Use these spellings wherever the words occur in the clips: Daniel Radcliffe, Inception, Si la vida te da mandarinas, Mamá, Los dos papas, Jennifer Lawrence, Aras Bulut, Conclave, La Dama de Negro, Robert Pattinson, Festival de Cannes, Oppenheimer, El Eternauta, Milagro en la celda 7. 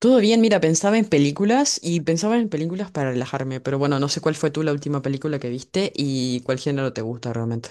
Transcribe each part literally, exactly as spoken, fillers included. Todo bien, mira, pensaba en películas y pensaba en películas para relajarme, pero bueno, no sé cuál fue tú la última película que viste y cuál género te gusta realmente.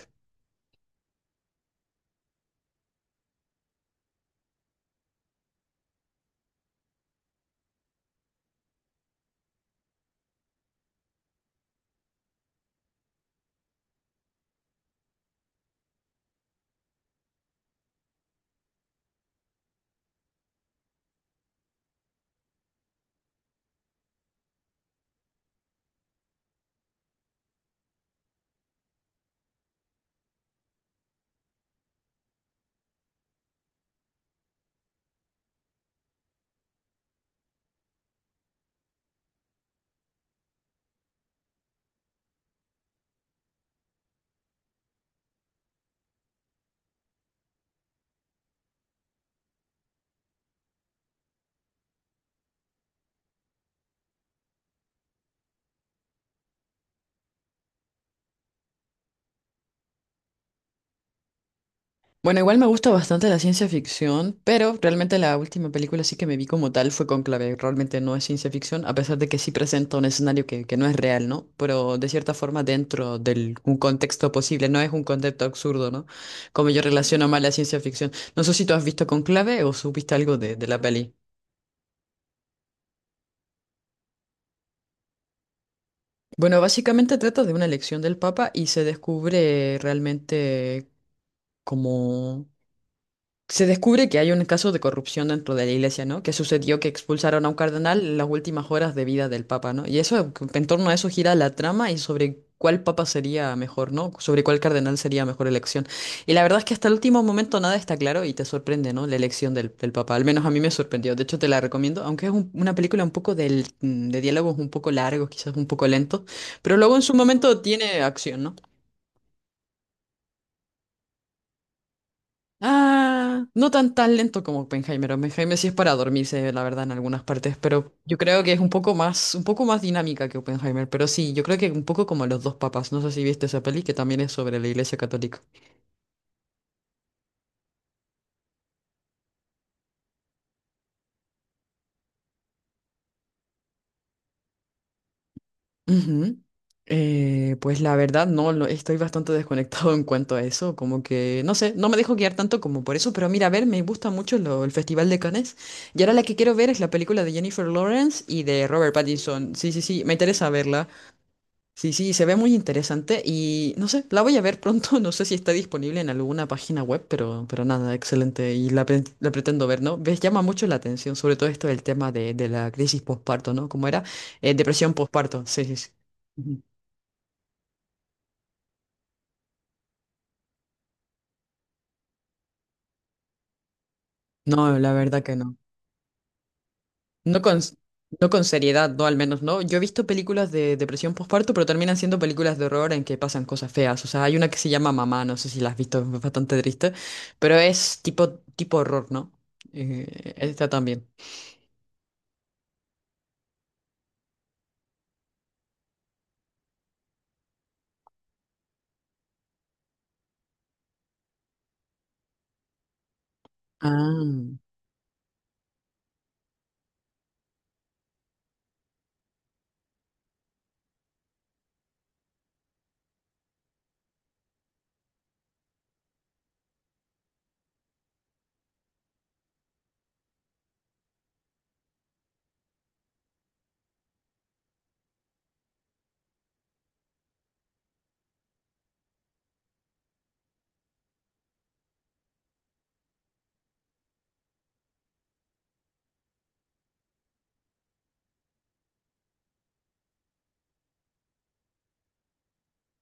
Bueno, igual me gusta bastante la ciencia ficción, pero realmente la última película sí que me vi como tal fue Conclave. Realmente no es ciencia ficción, a pesar de que sí presenta un escenario que, que no es real, ¿no? Pero de cierta forma dentro de un contexto posible, no es un concepto absurdo, ¿no? Como yo relaciono más la ciencia ficción. No sé si tú has visto Conclave o supiste algo de, de la peli. Bueno, básicamente trata de una elección del Papa y se descubre realmente como se descubre que hay un caso de corrupción dentro de la iglesia, ¿no? Que sucedió que expulsaron a un cardenal en las últimas horas de vida del papa, ¿no? Y eso, en torno a eso gira la trama y sobre cuál papa sería mejor, ¿no? Sobre cuál cardenal sería mejor elección. Y la verdad es que hasta el último momento nada está claro y te sorprende, ¿no? La elección del, del papa. Al menos a mí me sorprendió. De hecho, te la recomiendo, aunque es un- una película un poco del- de diálogos un poco largos, quizás un poco lento, pero luego en su momento tiene acción, ¿no? Ah, no tan tan lento como Oppenheimer. Oppenheimer sí es para dormirse, la verdad, en algunas partes, pero yo creo que es un poco más, un poco más dinámica que Oppenheimer. Pero sí, yo creo que un poco como Los dos papas. No sé si viste esa peli que también es sobre la Iglesia Católica. Ujú. Eh, pues la verdad, no, lo- estoy bastante desconectado en cuanto a eso. Como que, no sé, no me dejo guiar tanto como por eso. Pero mira, a ver, me gusta mucho lo- el Festival de Cannes. Y ahora la que quiero ver es la película de Jennifer Lawrence y de Robert Pattinson. Sí, sí, sí, me interesa verla. Sí, sí, se ve muy interesante y no sé, la voy a ver pronto, no sé si está disponible en alguna página web, pero, pero nada, excelente y la, pre- la pretendo ver, ¿no? Ves, llama mucho la atención, sobre todo esto del tema de, de la crisis postparto, ¿no? ¿Cómo era? Eh, depresión postparto, sí, sí, sí. Ujú. No, la verdad que no. No con, no con seriedad, no al menos, ¿no? Yo he visto películas de depresión postparto, pero terminan siendo películas de horror en que pasan cosas feas. O sea, hay una que se llama Mamá, no sé si la has visto, es bastante triste, pero es tipo, tipo horror, ¿no? Eh, esta también. Ah.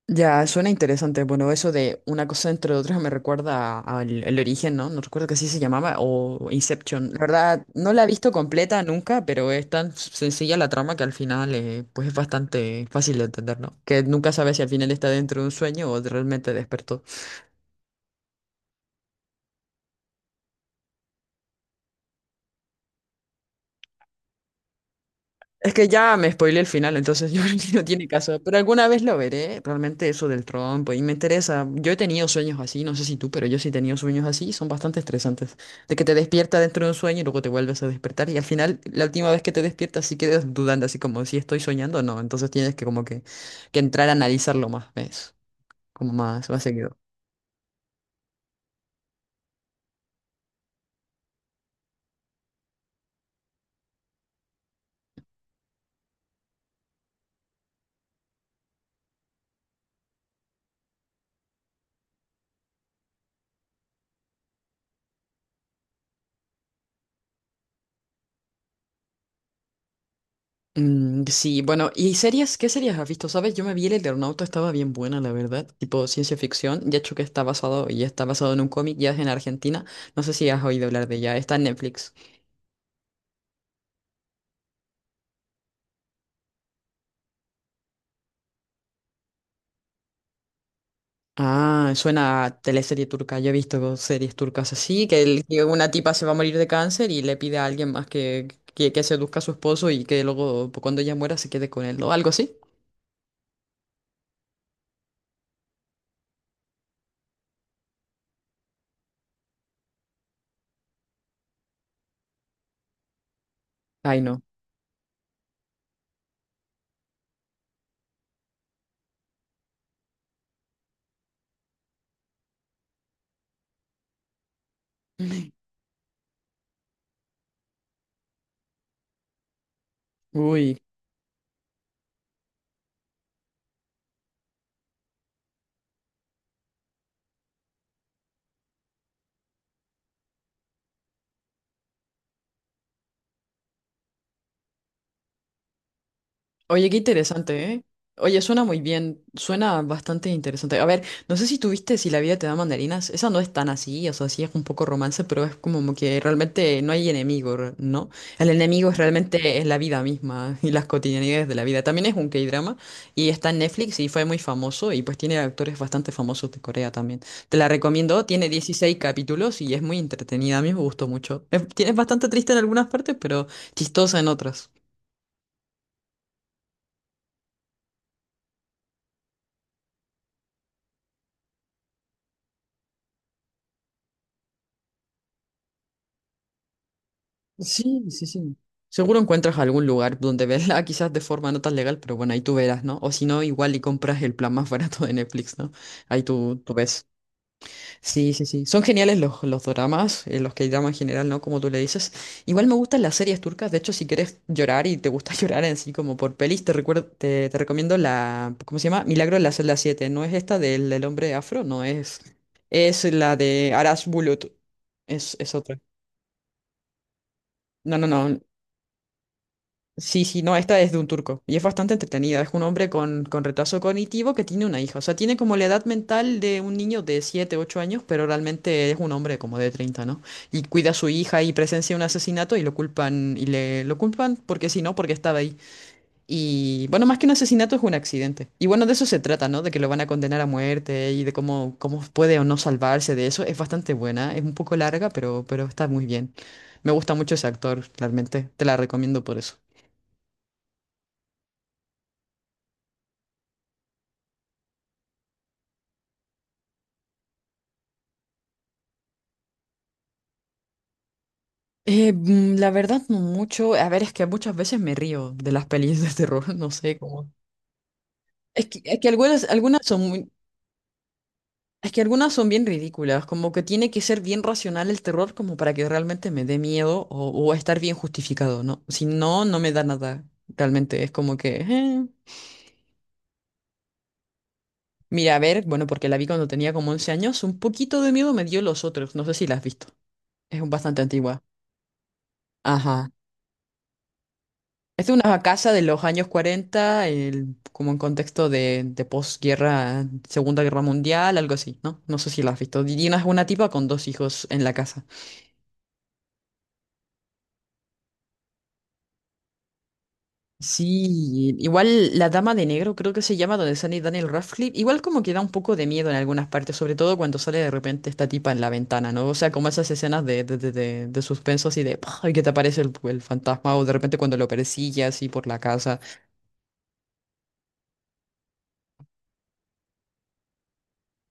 Ya, suena interesante. Bueno, eso de una cosa entre otras me recuerda a- al el origen, ¿no? No recuerdo que así se llamaba, o Inception. La verdad, no la he visto completa nunca, pero es tan s- sencilla la trama que al final eh, pues es bastante fácil de entender, ¿no? Que nunca sabes si al final está dentro de un sueño o realmente despertó. Es que ya me spoilé el final, entonces yo no tiene caso. Pero alguna vez lo veré, realmente eso del trompo, y me interesa. Yo he tenido sueños así, no sé si tú, pero yo sí he tenido sueños así, son bastante estresantes. De que te despierta dentro de un sueño y luego te vuelves a despertar, y al final, la última vez que te despiertas, sí quedas dudando, así como si estoy soñando o no. Entonces tienes que como que, que entrar a analizarlo más, ¿ves? Como más, más seguido. Mm, sí, bueno, ¿y series? ¿Qué series has visto? ¿Sabes? Yo me vi El Eternauta, estaba bien buena, la verdad. Tipo ciencia ficción, ya hecho que está basado, y está basado en un cómic, ya es en Argentina. No sé si has oído hablar de ella, está en Netflix. Ah, suena a teleserie turca. Yo he visto series turcas así, que, el- que una tipa se va a morir de cáncer y le pide a alguien más que, que, que seduzca a su esposo y que luego cuando ella muera se quede con él, ¿no? Algo así. Ay, no. Uy. Oye, qué interesante, ¿eh? Oye, suena muy bien, suena bastante interesante. A ver, no sé si tuviste Si la vida te da mandarinas, esa no es tan así, o sea, sí es un poco romance, pero es como que realmente no hay enemigo, re- ¿no? El enemigo es realmente es la vida misma y las cotidianidades de la vida. También es un K-drama y está en Netflix y fue muy famoso y pues tiene actores bastante famosos de Corea también. Te la recomiendo, tiene dieciséis capítulos y es muy entretenida, a mí me gustó mucho. Es, tiene- es bastante triste en algunas partes, pero chistosa en otras. Sí, sí, sí. Seguro encuentras algún lugar donde verla, quizás de forma no tan legal, pero bueno, ahí tú verás, ¿no? O si no, igual y compras el plan más barato de Netflix, ¿no? Ahí tú, tú ves. Sí, sí, sí. Son geniales los, los doramas, eh, los que llaman en general, ¿no? Como tú le dices. Igual me gustan las series turcas. De hecho, si quieres llorar y te gusta llorar en sí, como por pelis, te recuerdo, te, te recomiendo la, ¿cómo se llama? Milagro en la celda siete. No es esta del, del hombre afro, no es. Es la de Aras Bulut. Es, es otra. No, no, no. Sí, sí, no, esta es de un turco y es bastante entretenida. Es un hombre con, con retraso cognitivo que tiene una hija. O sea, tiene como la edad mental de un niño de siete, ocho años, pero realmente es un hombre como de treinta, ¿no? Y cuida a su hija y presencia un asesinato y lo culpan, y le lo culpan porque sí, no, porque estaba ahí. Y bueno, más que un asesinato es un accidente. Y bueno, de eso se trata, ¿no? De que lo van a condenar a muerte y de cómo, cómo puede o no salvarse de eso. Es bastante buena, es un poco larga, pero, pero está muy bien. Me gusta mucho ese actor, realmente. Te la recomiendo por eso. Eh, mm, la verdad, no mucho. A ver, es que muchas veces me río de las pelis de terror, no sé cómo. Es que, es que algunas, algunas son muy- es que algunas son bien ridículas, como que tiene que ser bien racional el terror como para que realmente me dé miedo o, o estar bien justificado, ¿no? Si no, no me da nada. Realmente es como que, eh. Mira, a ver, bueno, porque la vi cuando tenía como once años, un poquito de miedo me dio los otros, no sé si la has visto. Es un- bastante antigua. Ajá. Es de una casa de los años cuarenta, el- como en contexto de, de posguerra, Segunda Guerra Mundial, algo así, ¿no? No sé si la has visto. Y una, una tipa con dos hijos en la casa. Sí, igual La Dama de Negro, creo que se llama, donde sale Daniel Radcliffe. Igual como que da un poco de miedo en algunas partes, sobre todo cuando sale de repente esta tipa en la ventana, ¿no? O sea, como esas escenas de, de, de, de, de suspenso así de, ¡ay! Que te aparece el, el fantasma o de repente cuando lo persigue así por la casa.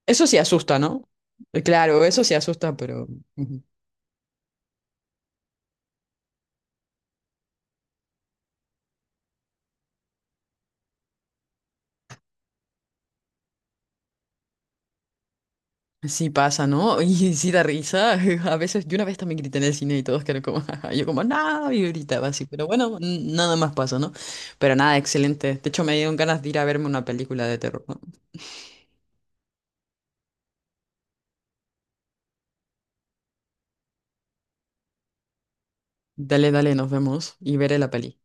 Eso sí asusta, ¿no? Eh, Claro, eso sí asusta, pero. Ujú. Sí pasa, ¿no? Y sí da risa. A veces, yo una vez también grité en el cine y todos quedaron como, yo como, no, y gritaba así. Pero bueno, n- nada más pasó, ¿no? Pero nada, excelente. De hecho, me dieron ganas de ir a verme una película de terror, ¿no? Dale, dale, nos vemos y veré la peli.